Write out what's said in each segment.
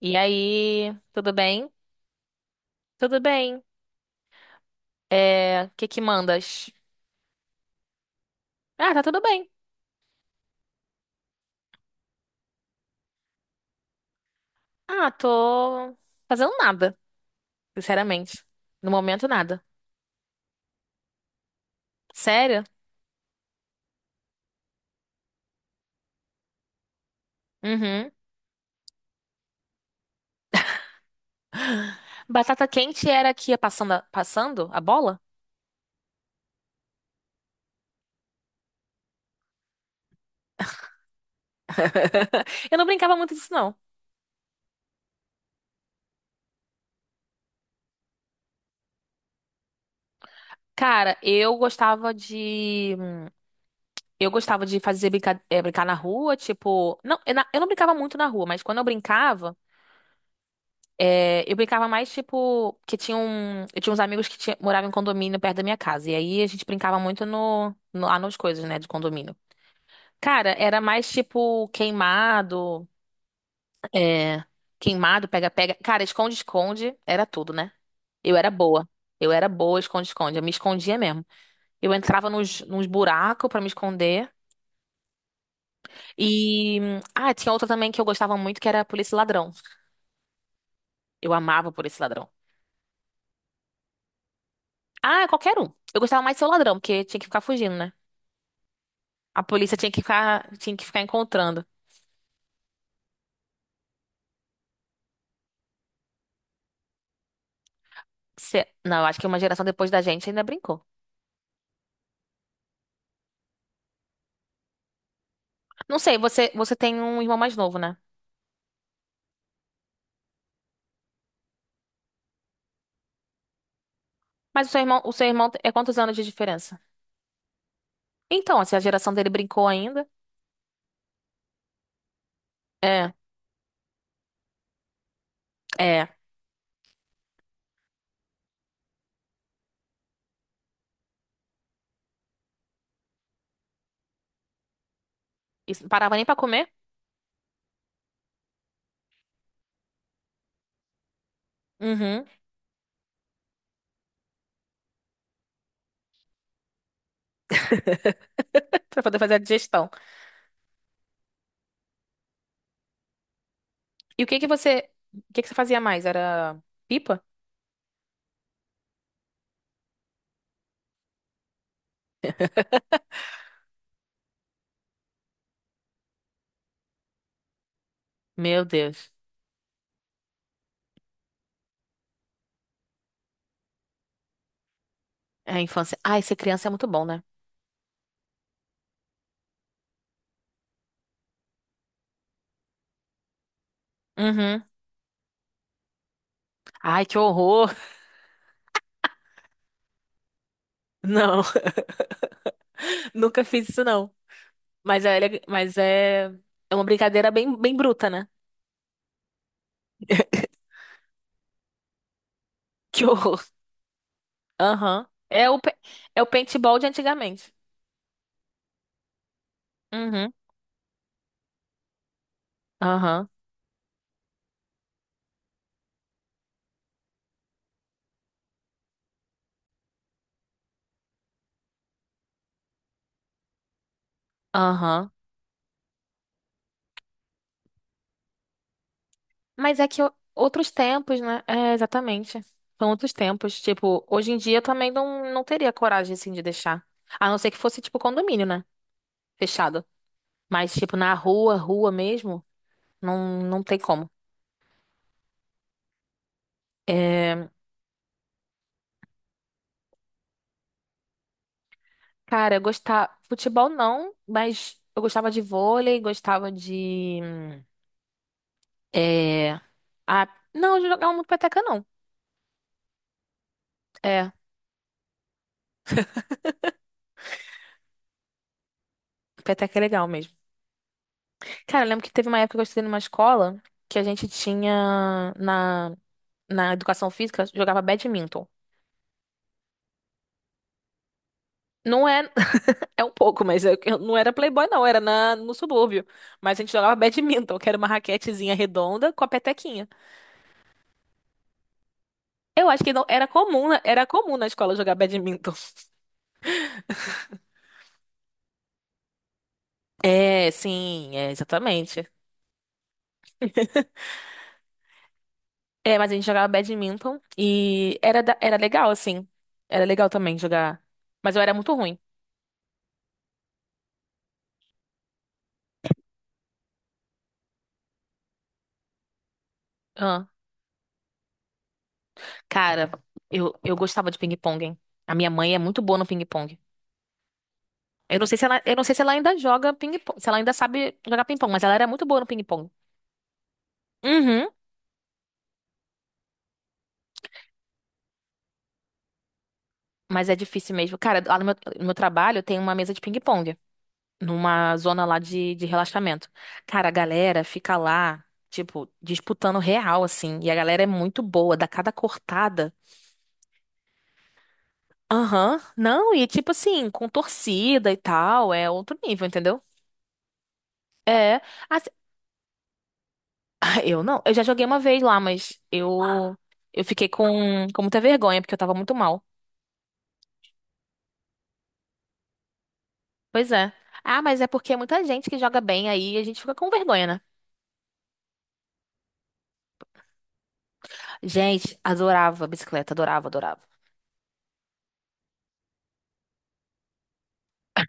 E aí, tudo bem? Tudo bem. O que que mandas? Ah, tá tudo bem. Ah, tô fazendo nada, sinceramente. No momento, nada. Sério? Uhum. Batata quente era que ia passando a bola? Eu não brincava muito disso, não. Cara, eu gostava de. Eu gostava de fazer brincar na rua, tipo. Não, eu não brincava muito na rua, mas quando eu brincava. É, eu brincava mais, tipo, que tinha eu tinha uns amigos que moravam em condomínio perto da minha casa. E aí a gente brincava muito no, no, lá nas coisas, né, de condomínio. Cara, era mais tipo queimado, é, queimado, pega-pega. Cara, esconde-esconde era tudo, né? Eu era boa. Eu era boa, esconde-esconde. Eu me escondia mesmo. Eu entrava nos buracos pra me esconder. Ah, tinha outra também que eu gostava muito, que era Polícia e Ladrão. Eu amava Polícia e Ladrão. Ah, qualquer um. Eu gostava mais de ser o ladrão, porque tinha que ficar fugindo, né? A polícia tinha que ficar encontrando. Não, acho que uma geração depois da gente ainda brincou. Não sei, você tem um irmão mais novo, né? Mas o seu irmão é quantos anos de diferença? Então, se a geração dele brincou ainda. É, é. Isso, não parava nem pra comer? Uhum. Pra poder fazer a digestão. E o que que você fazia mais? Era pipa? Meu Deus. É a infância. Ai, ser criança é muito bom, né? Uhum. Ai, que horror. Não, nunca fiz isso não. Mas é, é uma brincadeira bem, bem bruta, né? Que horror. Aham. É o paintball de antigamente. Uhum. Aham. Aham. Mas é que outros tempos, né? É, exatamente. São outros tempos. Tipo, hoje em dia eu também não teria coragem, assim, de deixar. A não ser que fosse, tipo, condomínio, né? Fechado. Mas, tipo, na rua, rua mesmo, não, não tem como. É, cara, eu gostava. Futebol não, mas eu gostava de vôlei, gostava de. É. Ah, não, eu jogava muito peteca, não. É, peteca é legal mesmo. Cara, eu lembro que teve uma época que eu estudei numa escola que a gente tinha na educação física, jogava badminton. Não é, é um pouco, mas eu não era playboy, não, era no subúrbio. Mas a gente jogava badminton, que era uma raquetezinha redonda com a petequinha. Eu acho que não, era comum, era comum na escola jogar badminton. É, sim, é, exatamente. É, mas a gente jogava badminton e era, era legal, assim. Era legal também jogar. Mas eu era muito ruim. Ah, cara, eu gostava de ping-pong, hein? A minha mãe é muito boa no ping-pong. Eu não sei se ela, eu não sei se ela ainda joga ping-pong, se ela ainda sabe jogar ping-pong, mas ela era muito boa no ping-pong. Uhum, mas é difícil mesmo. Cara, lá no meu trabalho tem uma mesa de ping-pong, numa zona lá de relaxamento. Cara, a galera fica lá, tipo, disputando real, assim. E a galera é muito boa, dá cada cortada. Aham. Não, e tipo assim, com torcida e tal, é outro nível, entendeu? É. assim- Ah, eu não. Eu já joguei uma vez lá, mas eu fiquei com muita vergonha, porque eu tava muito mal. Pois é. Ah, mas é porque é muita gente que joga bem aí, a gente fica com vergonha, né? Gente, adorava bicicleta, adorava, adorava.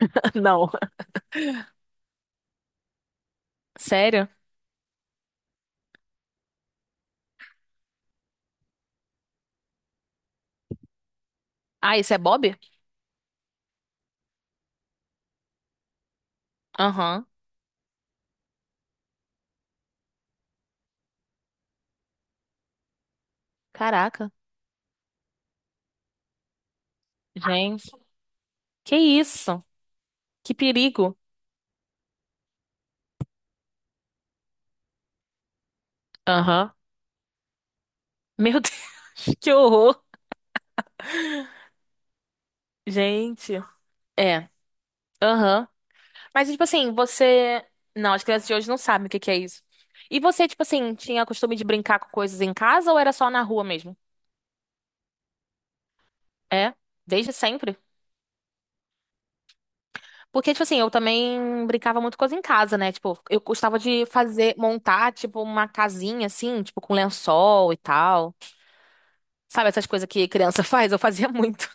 Não. Sério? Ah, isso é Bob? Aham. Caraca. Gente. Que isso? Que perigo. Aham. Meu Deus, que horror. Gente. É. Aham. Mas, tipo assim, você. Não, as crianças de hoje não sabem o que que é isso. E você, tipo assim, tinha costume de brincar com coisas em casa ou era só na rua mesmo? É, desde sempre. Porque, tipo assim, eu também brincava muito coisa em casa, né? Tipo, eu gostava de fazer, montar, tipo, uma casinha assim, tipo, com lençol e tal. Sabe essas coisas que criança faz? Eu fazia muito.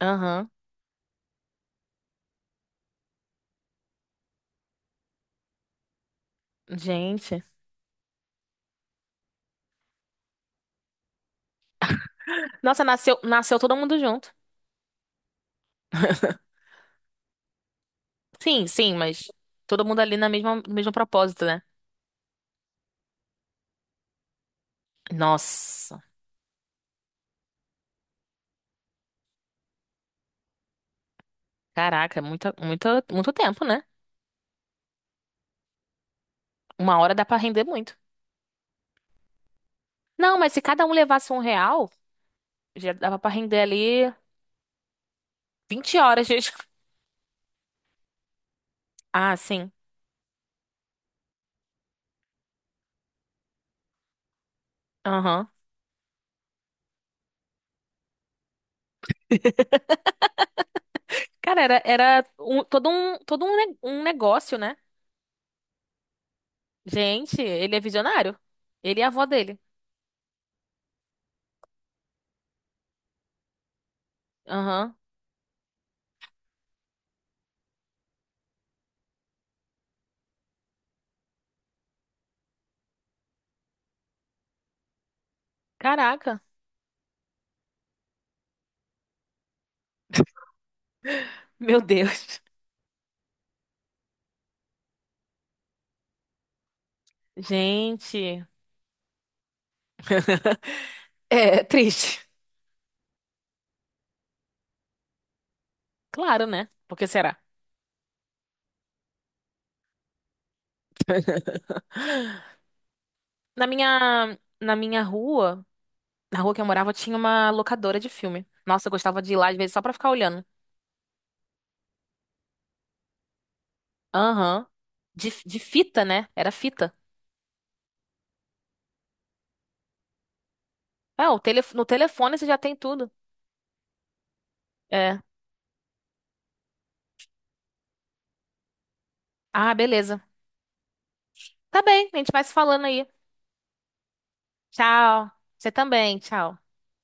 Aham. Gente. Nossa, nasceu, nasceu todo mundo junto. Sim, sim, mas todo mundo ali na mesma, no mesmo propósito, né? Nossa. Caraca, é muita, muita, muito tempo, né? Uma hora dá pra render muito. Não, mas se cada um levasse um real, já dava pra render ali 20 horas de... Ah, sim. Aham. Cara, era, todo todo um negócio, né? Gente, ele é visionário. Ele e a avó dele. Aham. Caraca. Meu Deus. Gente. É triste. Claro, né? Por que será? Na minha rua. Na rua que eu morava tinha uma locadora de filme. Nossa, eu gostava de ir lá às vezes só pra ficar olhando. Aham. De fita, né? Era fita. É, no telefone você já tem tudo. É. Ah, beleza. Tá bem, a gente vai se falando aí. Tchau. Você também, tchau.